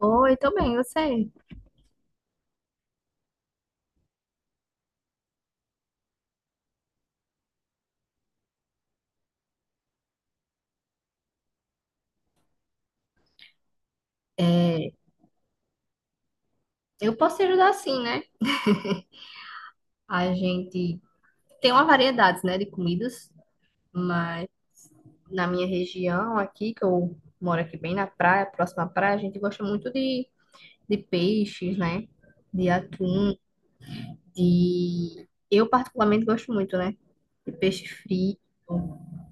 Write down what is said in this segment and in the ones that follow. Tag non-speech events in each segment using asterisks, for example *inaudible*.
Oi, tô bem, você? É, eu posso te ajudar sim, né? A gente tem uma variedade, né, de comidas, mas na minha região aqui, que eu moro aqui bem na praia, próxima à praia, a gente gosta muito de peixes, né? De atum, de... Eu particularmente gosto muito, né? De peixe frito,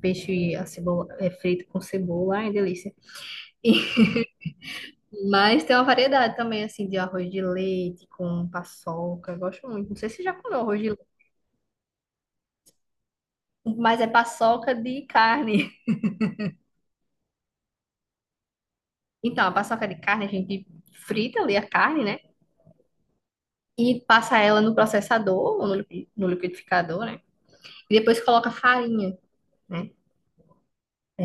peixe a cebola, frito com cebola, ai, delícia. Mas tem uma variedade também, assim, de arroz de leite com paçoca, eu gosto muito. Não sei se você já comeu arroz de leite. Mas é paçoca de carne. Então, a paçoca de carne, a gente frita ali a carne, né? E passa ela no processador, ou no no liquidificador, né? E depois coloca farinha, né?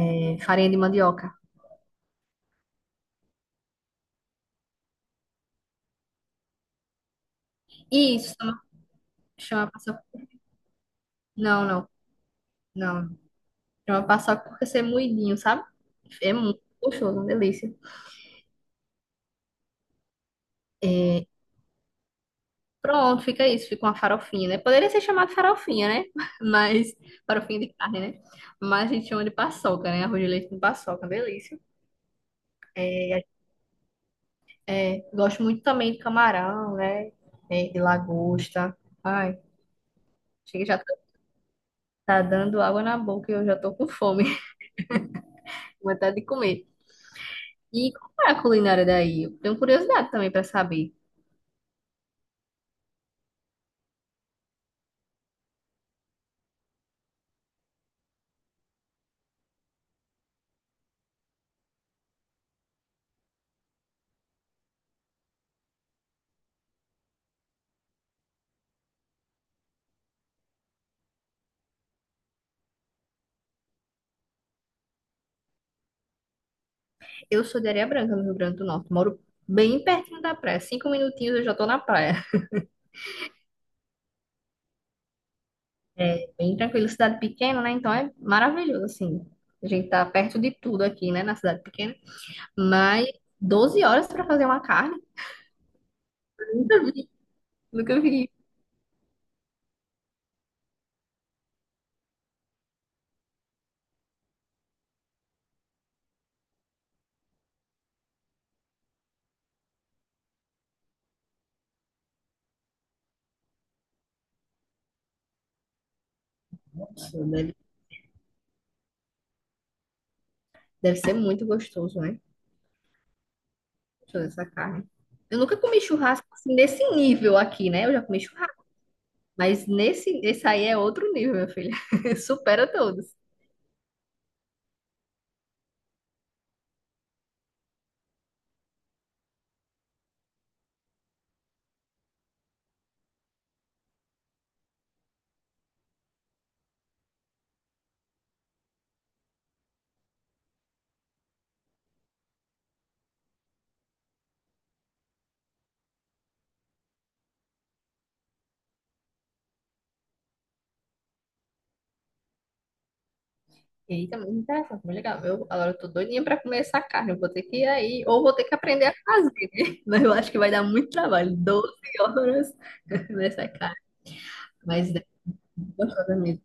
É, farinha de mandioca. E isso chama paçoca. Não, não, não. Chama paçoca porque você é moidinho, sabe? É muito gostoso, uma delícia. Pronto, fica isso. Fica uma farofinha, né? Poderia ser chamado farofinha, né? *laughs* Mas, farofinha de carne, né? Mas a gente chama de paçoca, né? Arroz de leite com paçoca, delícia. É, gosto muito também de camarão, né? É, de lagosta. Ai, chega, já tá tá dando água na boca e eu já tô com fome, *laughs* com vontade de comer. E como é a culinária daí? Eu tenho curiosidade também pra saber. Eu sou de Areia Branca, no Rio Grande do Norte. Moro bem pertinho da praia. 5 minutinhos eu já tô na praia. É bem tranquilo, cidade pequena, né? Então é maravilhoso, assim. A gente tá perto de tudo aqui, né? Na cidade pequena. Mas 12 horas pra fazer uma carne? *laughs* Nunca vi, nunca vi. Deve ser muito gostoso, né? Toda essa carne. Eu nunca comi churrasco assim, nesse nível aqui, né? Eu já comi churrasco, mas nesse, esse aí é outro nível, meu filho. *laughs* Supera todos. E aí também me interessa, muito legal. Eu, agora eu tô doidinha pra comer essa carne. Eu vou ter que ir aí, ou vou ter que aprender a fazer, né? *laughs* Mas eu acho que vai dar muito trabalho. 12 horas *laughs* nessa carne. Mas é muito gostosa mesmo.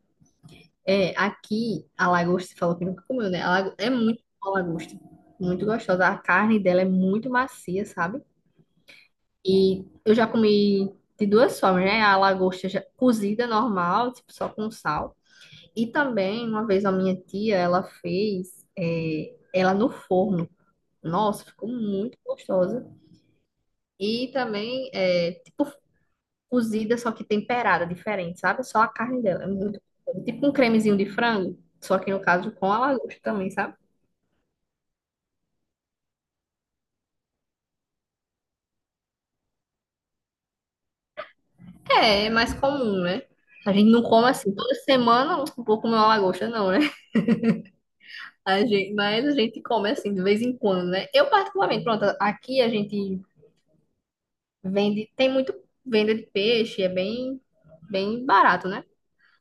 É, aqui, a lagosta, você falou que nunca comeu, né? A é muito boa a lagosta. Muito gostosa. A carne dela é muito macia, sabe? E eu já comi de duas formas, né? A cozida normal, tipo só com sal. E também, uma vez a minha tia, ela fez ela no forno. Nossa, ficou muito gostosa. E também, é, tipo, cozida, só que temperada, diferente, sabe? Só a carne dela. É muito gostosa. Tipo um cremezinho de frango, só que no caso com a lagosta também, sabe? É, é mais comum, né? A gente não come assim toda semana, um pouco comer uma lagosta, não, né? Mas a gente come assim de vez em quando, né? Eu particularmente, pronto, aqui a gente vende, tem muito venda de peixe, é bem barato, né?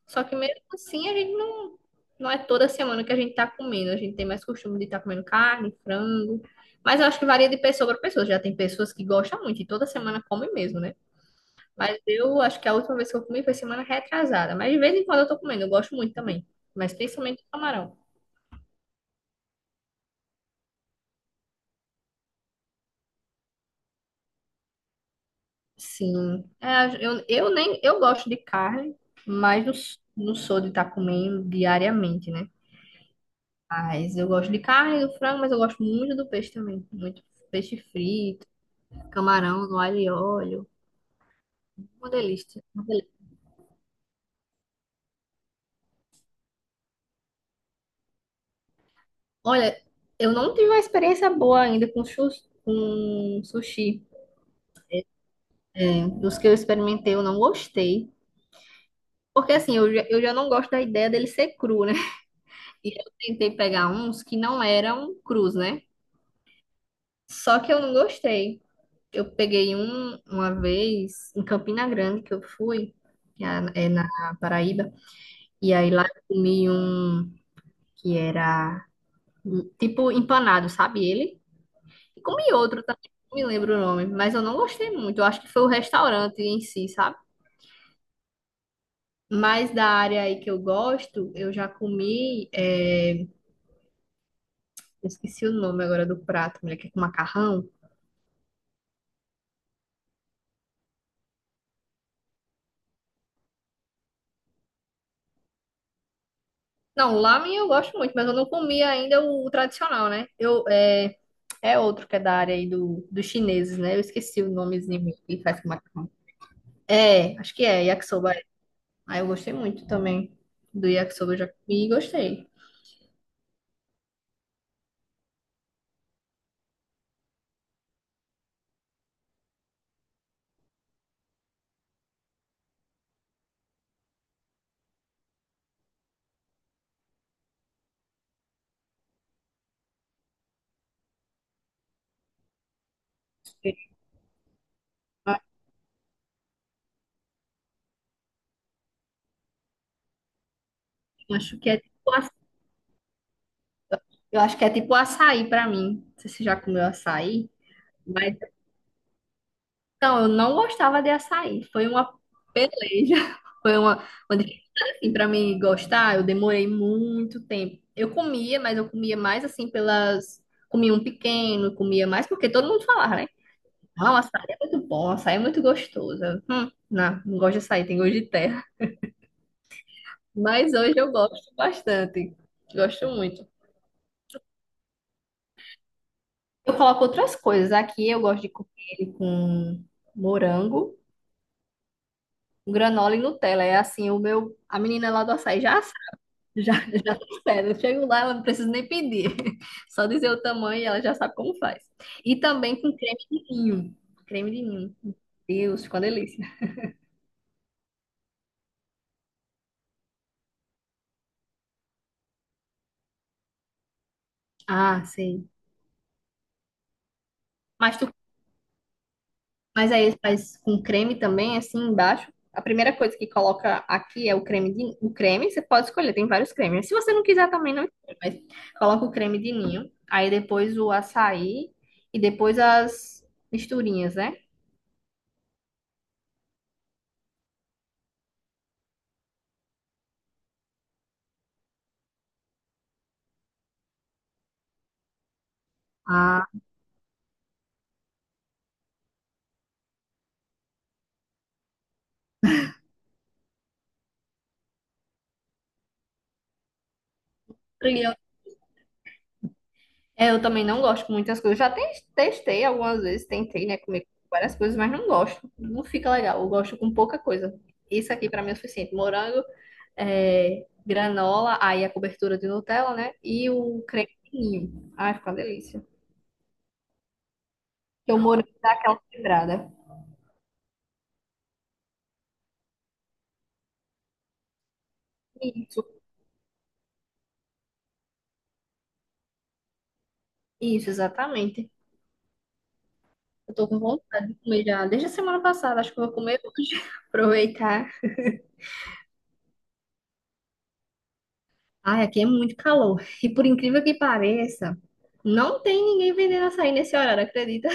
Só que mesmo assim a gente não, não é toda semana que a gente tá comendo, a gente tem mais costume de estar comendo carne, frango. Mas eu acho que varia de pessoa para pessoa. Já tem pessoas que gostam muito e toda semana comem mesmo, né? Mas eu acho que a última vez que eu comi foi semana retrasada. Mas de vez em quando eu tô comendo, eu gosto muito também. Mas principalmente do camarão. Sim. É, eu nem eu gosto de carne, mas não sou de estar comendo diariamente, né? Mas eu gosto de carne, do frango, mas eu gosto muito do peixe também. Muito peixe frito, camarão no alho e óleo. Uma delícia. Uma delícia. Olha, eu não tive uma experiência boa ainda com sushi. Dos que eu experimentei, eu não gostei. Porque assim, eu já não gosto da ideia dele ser cru, né? *laughs* E eu tentei pegar uns que não eram crus, né? Só que eu não gostei. Eu peguei uma vez em Campina Grande que eu fui, que é na Paraíba, e aí lá eu comi um que era tipo empanado, sabe ele? E comi outro também, não me lembro o nome, mas eu não gostei muito. Eu acho que foi o restaurante em si, sabe? Mas da área aí que eu gosto, eu já comi, é, eu esqueci o nome agora do prato, mulher, que é com macarrão. Não, lamen eu gosto muito, mas eu não comi ainda o tradicional, né? É outro que é da área aí dos chineses, né? Eu esqueci o nomezinho que faz com macarrão. É, acho que é, yakisoba. Aí eu gostei muito também do yakisoba, eu já comi e gostei. Eu acho que é eu acho que é tipo açaí pra mim. Não sei se você já comeu açaí, mas então, eu não gostava de açaí. Foi uma peleja. *laughs* Foi uma, uma dificuldade, assim, para mim gostar. Eu demorei muito tempo. Eu comia, mas eu comia mais assim pelas. Comia um pequeno, comia mais porque todo mundo falava, né? Não, açaí é muito bom, açaí é muito gostoso. Eu, não, não gosto de açaí, tem gosto de terra. Mas hoje eu gosto bastante. Gosto muito. Eu coloco outras coisas. Aqui eu gosto de comer ele com morango, granola e Nutella. É assim, o meu. A menina lá do açaí já Já, já tá certo. Eu chego lá, ela não precisa nem pedir. *laughs* Só dizer o tamanho e ela já sabe como faz. E também com creme de ninho. Creme de ninho. Deus, ficou uma delícia. Ah, sei. Mas tu, mas aí ele faz com creme também, assim, embaixo. A primeira coisa que coloca aqui é o o creme, você pode escolher, tem vários cremes. Se você não quiser também não, escolhe, mas coloca o creme de ninho, aí depois o açaí e depois as misturinhas, né? Ah, é, eu também não gosto de muitas coisas. Já testei algumas vezes, tentei, né, comer várias coisas, mas não gosto. Não fica legal. Eu gosto com pouca coisa. Isso aqui pra mim é o suficiente. Morango, é, granola, aí a cobertura de Nutella, né? E o creme de ninho. Ai, fica uma delícia. Porque o morango dá aquela quebrada. Isso, isso, exatamente. Eu tô com vontade de comer já desde a semana passada. Acho que eu vou comer hoje. *laughs* Aproveitar. Ai, aqui é muito calor. E por incrível que pareça, não tem ninguém vendendo açaí nesse horário, acredita?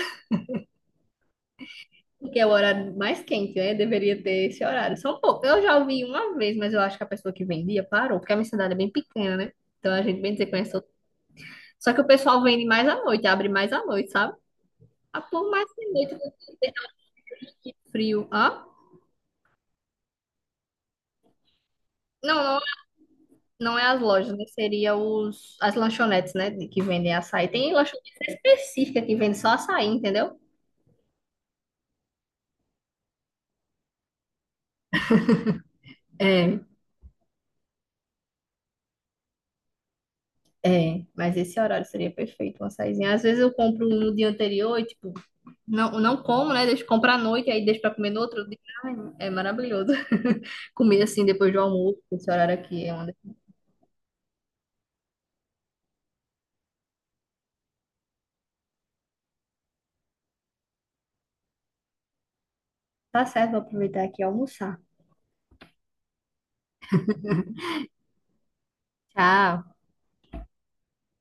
Porque é o horário mais quente, né? Deveria ter esse horário. São poucos. Eu já ouvi uma vez, mas eu acho que a pessoa que vendia parou, porque a minha cidade é bem pequena, né? Então a gente bem dizer conhece outra. Só que o pessoal vende mais à noite, abre mais à noite, sabe? Ah, por mais que noite que frio. Hã? Não, não, não é as lojas, né? Seria as lanchonetes, né? Que vendem açaí. Tem lanchonete específica que vende só açaí, entendeu? É. É, mas esse horário seria perfeito, uma açaizinho. Às vezes eu compro um no dia anterior e, tipo, não como, né? Deixo comprar à noite, aí deixo pra comer no outro dia. Ai, é maravilhoso. *laughs* Comer assim depois do almoço, esse horário aqui é uma... Tá certo, vou aproveitar aqui e almoçar. Tchau.